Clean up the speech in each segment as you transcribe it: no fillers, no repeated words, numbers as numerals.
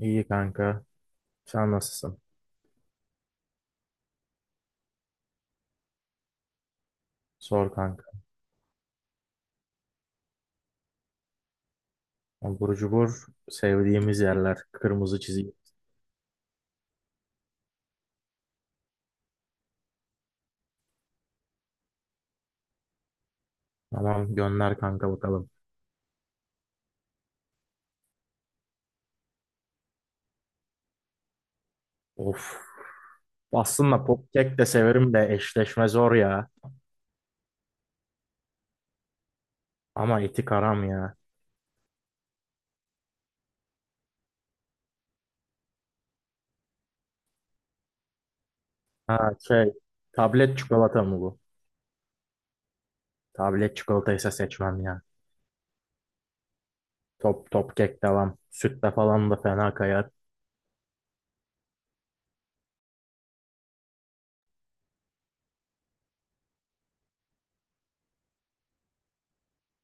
İyi kanka. Sen nasılsın? Sor kanka. Burcu cubur sevdiğimiz yerler. Kırmızı çizgi. Tamam gönder kanka bakalım. Of. Aslında popkek de severim de eşleşme zor ya. Ama eti karam ya. Ha, tablet çikolata mı bu? Tablet çikolataysa seçmem ya. Top top kek devam. Sütle falan da fena kayar.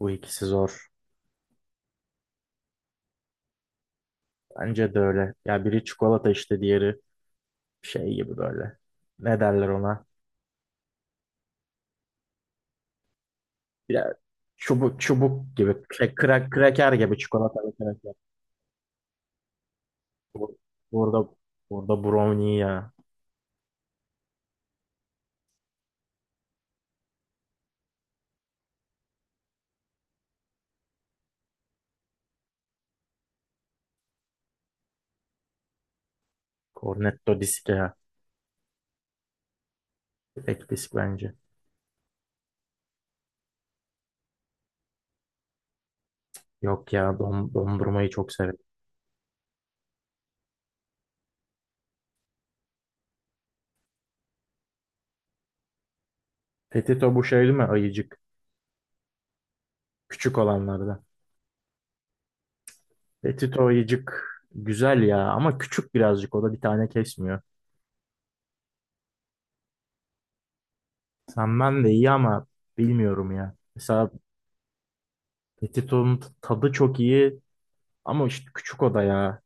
Bu ikisi zor. Bence de öyle. Ya biri çikolata işte diğeri şey gibi böyle. Ne derler ona? Biraz çubuk çubuk gibi. Şey, kraker gibi çikolata ve kraker. Bu- Burada burada brownie ya. Cornetto disk ya. Tek disk bence. Yok ya dondurmayı çok severim. Petito bu şey değil mi? Ayıcık. Küçük olanlardan. Petito ayıcık güzel ya ama küçük birazcık o da bir tane kesmiyor. Sen ben de iyi ama bilmiyorum ya. Mesela Petito'nun tadı çok iyi ama işte küçük o da ya.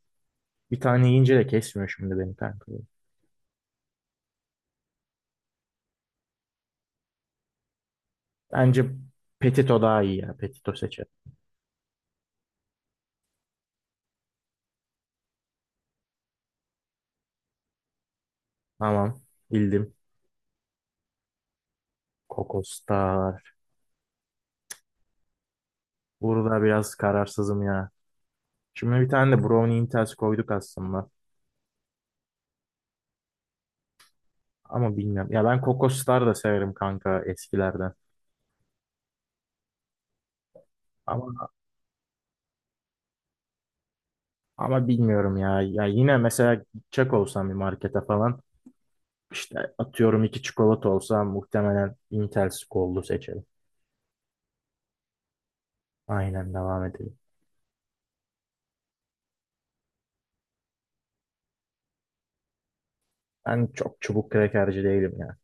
Bir tane yiyince de kesmiyor şimdi benim kanka. Bence Petito daha iyi ya. Petito seçelim. Tamam. Bildim. Kokostar. Burada biraz kararsızım ya. Şimdi bir tane de Brownie Intels koyduk aslında. Ama bilmiyorum. Ya ben Kokostar da severim kanka eskilerden. Ama ama bilmiyorum ya. Ya yine mesela gidecek olsam bir markete falan işte atıyorum iki çikolata olsa muhtemelen Intels Gold'u seçerim. Aynen devam edelim. Ben çok çubuk krekerci değilim ya.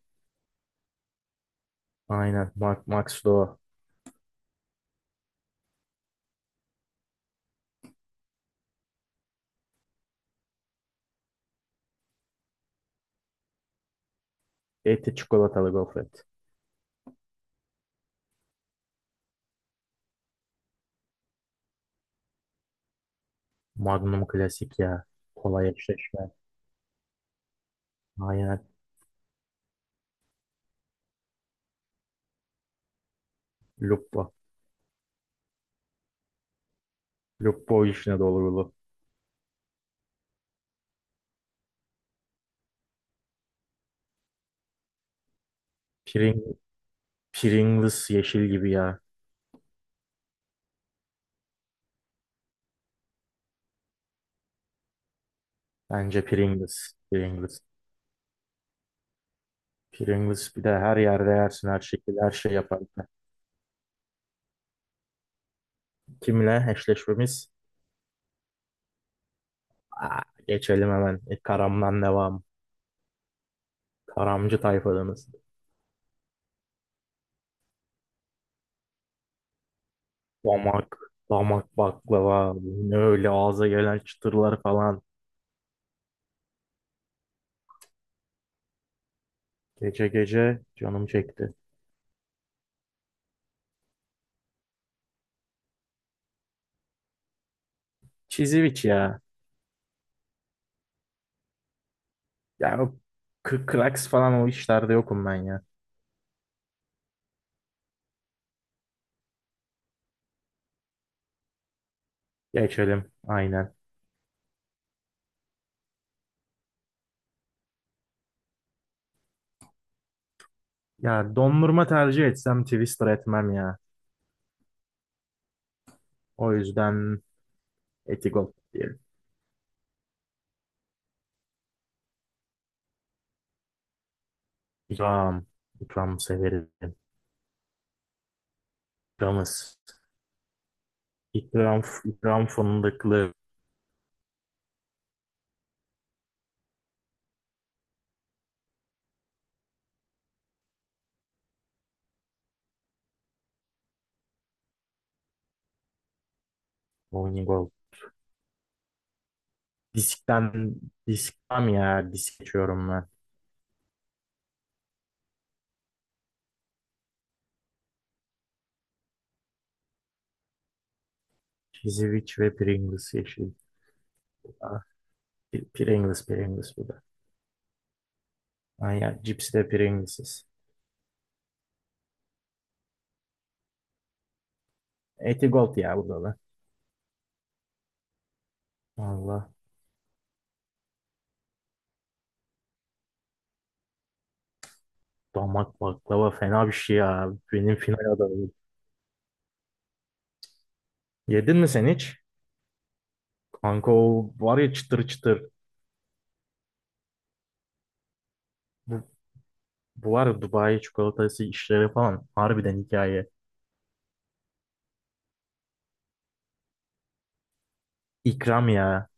Aynen. Max Doğu. Eti çikolatalı gofret. Magnum klasik ya. Kolay eşleşme. Aynen. Lupo. Lupo işine dolgulu. Pring Pringles yeşil gibi ya. Bence Pringles. Pringles bir de her yerde yersin her şekilde her şey yapar. Kimle eşleşmemiz? Aa, geçelim hemen. E, karamdan devam. Karamcı tayfadanız. Damak. Damak baklava. Ne öyle ağza gelen çıtırlar falan. Gece gece canım çekti. Çiziviç ya. Ya o Cracks falan o işlerde yokum ben ya. Geçelim aynen. Ya dondurma tercih etsem Twister etmem ya. O yüzden Etigol diyelim. İkram. İkram severim. İkramız. İkram, ikram fındıklı. Onyegol. Diskten, diskten ya. Disk geçiyorum ben. Cheez-It ve Pringles yeşil. Ah, Pringles bu da. Aynen, cips de Pringles'iz. Etigold ya bu da. Allah. Damak baklava fena bir şey ya. Benim final adayım. Yedin mi sen hiç? Kanka o var ya çıtır çıtır. Bu, bu var ya Dubai çikolatası işleri falan. Harbiden hikaye. İkram ya.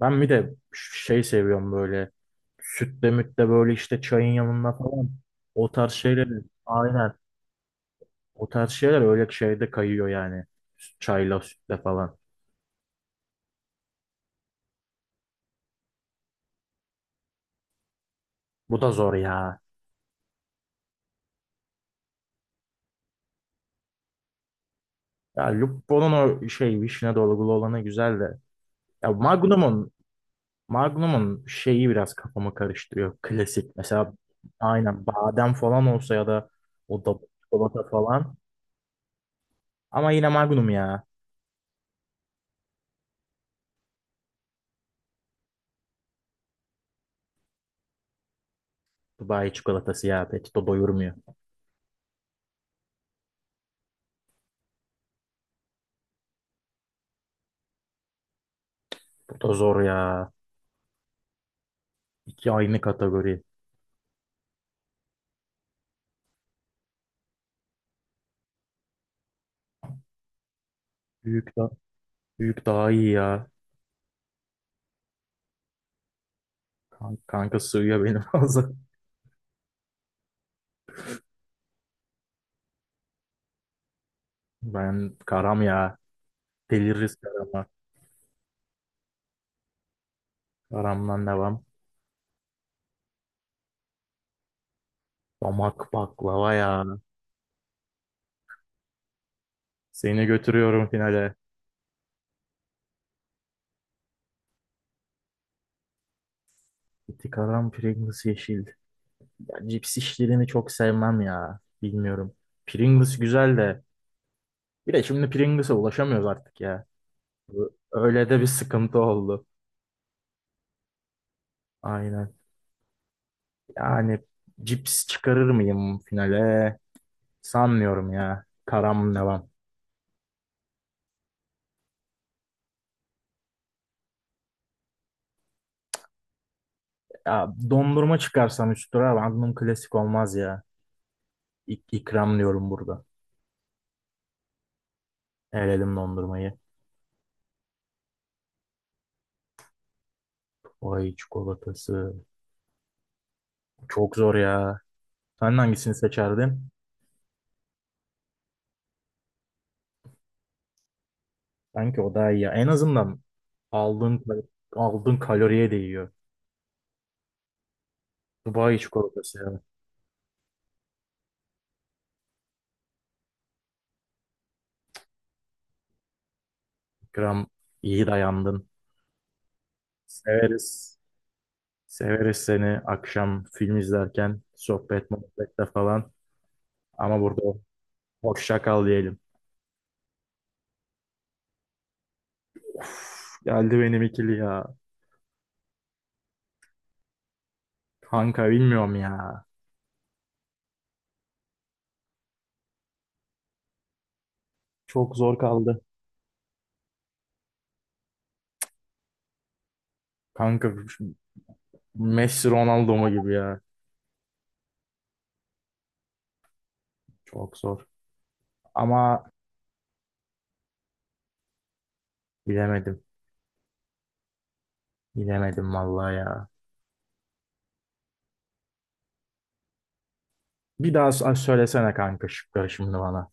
Ben bir de şey seviyorum böyle. Sütle mütle böyle işte çayın yanında falan. O tarz şeyler. Aynen. O tarz şeyler öyle şeyde kayıyor yani. Çayla sütle falan. Bu da zor ya. Ya Lupo'nun o şey vişne dolgulu olanı güzel de. Ya Magnum'un şeyi biraz kafamı karıştırıyor. Klasik. Mesela aynen badem falan olsa ya da o da çikolata falan. Ama yine Magnum ya. Dubai çikolatası ya. Pek doyurmuyor. Bu da zor ya. İki aynı kategori. Büyük, büyük daha iyi ya. Kanka, sığıyor benim fazla. Ben karam ya. Deliririz karama. Karamdan devam. Damak baklava ya. Seni götürüyorum finale. İti karam Pringles yeşil. Cips işlerini çok sevmem ya. Bilmiyorum. Pringles güzel de. Bir de şimdi Pringles'a ulaşamıyoruz artık ya. Öyle de bir sıkıntı oldu. Aynen. Yani cips çıkarır mıyım finale? Sanmıyorum ya. Karam devam. Ya dondurma çıkarsam üstüne tura klasik olmaz ya. İkram diyorum burada. Eledim dondurmayı. Ay çikolatası. Çok zor ya. Sen hangisini seçerdin? Sanki o daha iyi ya. En azından aldığın kal- aldığın kaloriye değiyor. Dubai çikolatası ya. Gram iyi dayandın. Severiz. Severiz seni akşam film izlerken sohbet muhabbette falan. Ama burada hoşça kal diyelim. Geldi benim ikili ya. Kanka bilmiyorum ya. Çok zor kaldı. Kanka Messi Ronaldo mu gibi ya. Çok zor. Ama bilemedim. Bilemedim vallahi ya. Bir daha söylesene kanka şıkları şimdi bana.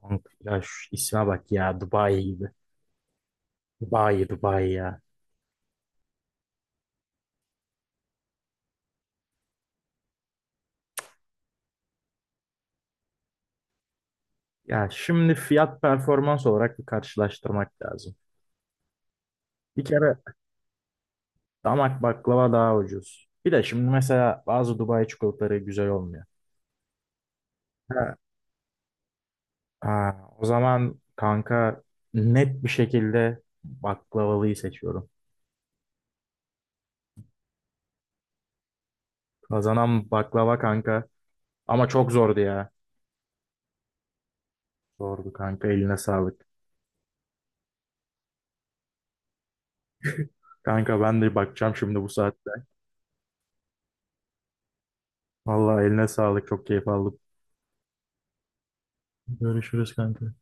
Kanka ya şu isme bak ya Dubai gibi. Dubai Dubai ya. Ya şimdi fiyat performans olarak bir karşılaştırmak lazım. Bir kere damak baklava daha ucuz. Bir de şimdi mesela bazı Dubai çikolataları güzel olmuyor. Ha, ha, o zaman kanka net bir şekilde baklavalıyı seçiyorum. Kazanan baklava kanka. Ama çok zordu ya. Zordu kanka eline sağlık. Kanka ben de bakacağım şimdi bu saatte. Vallahi eline sağlık çok keyif aldım. Görüşürüz kanka.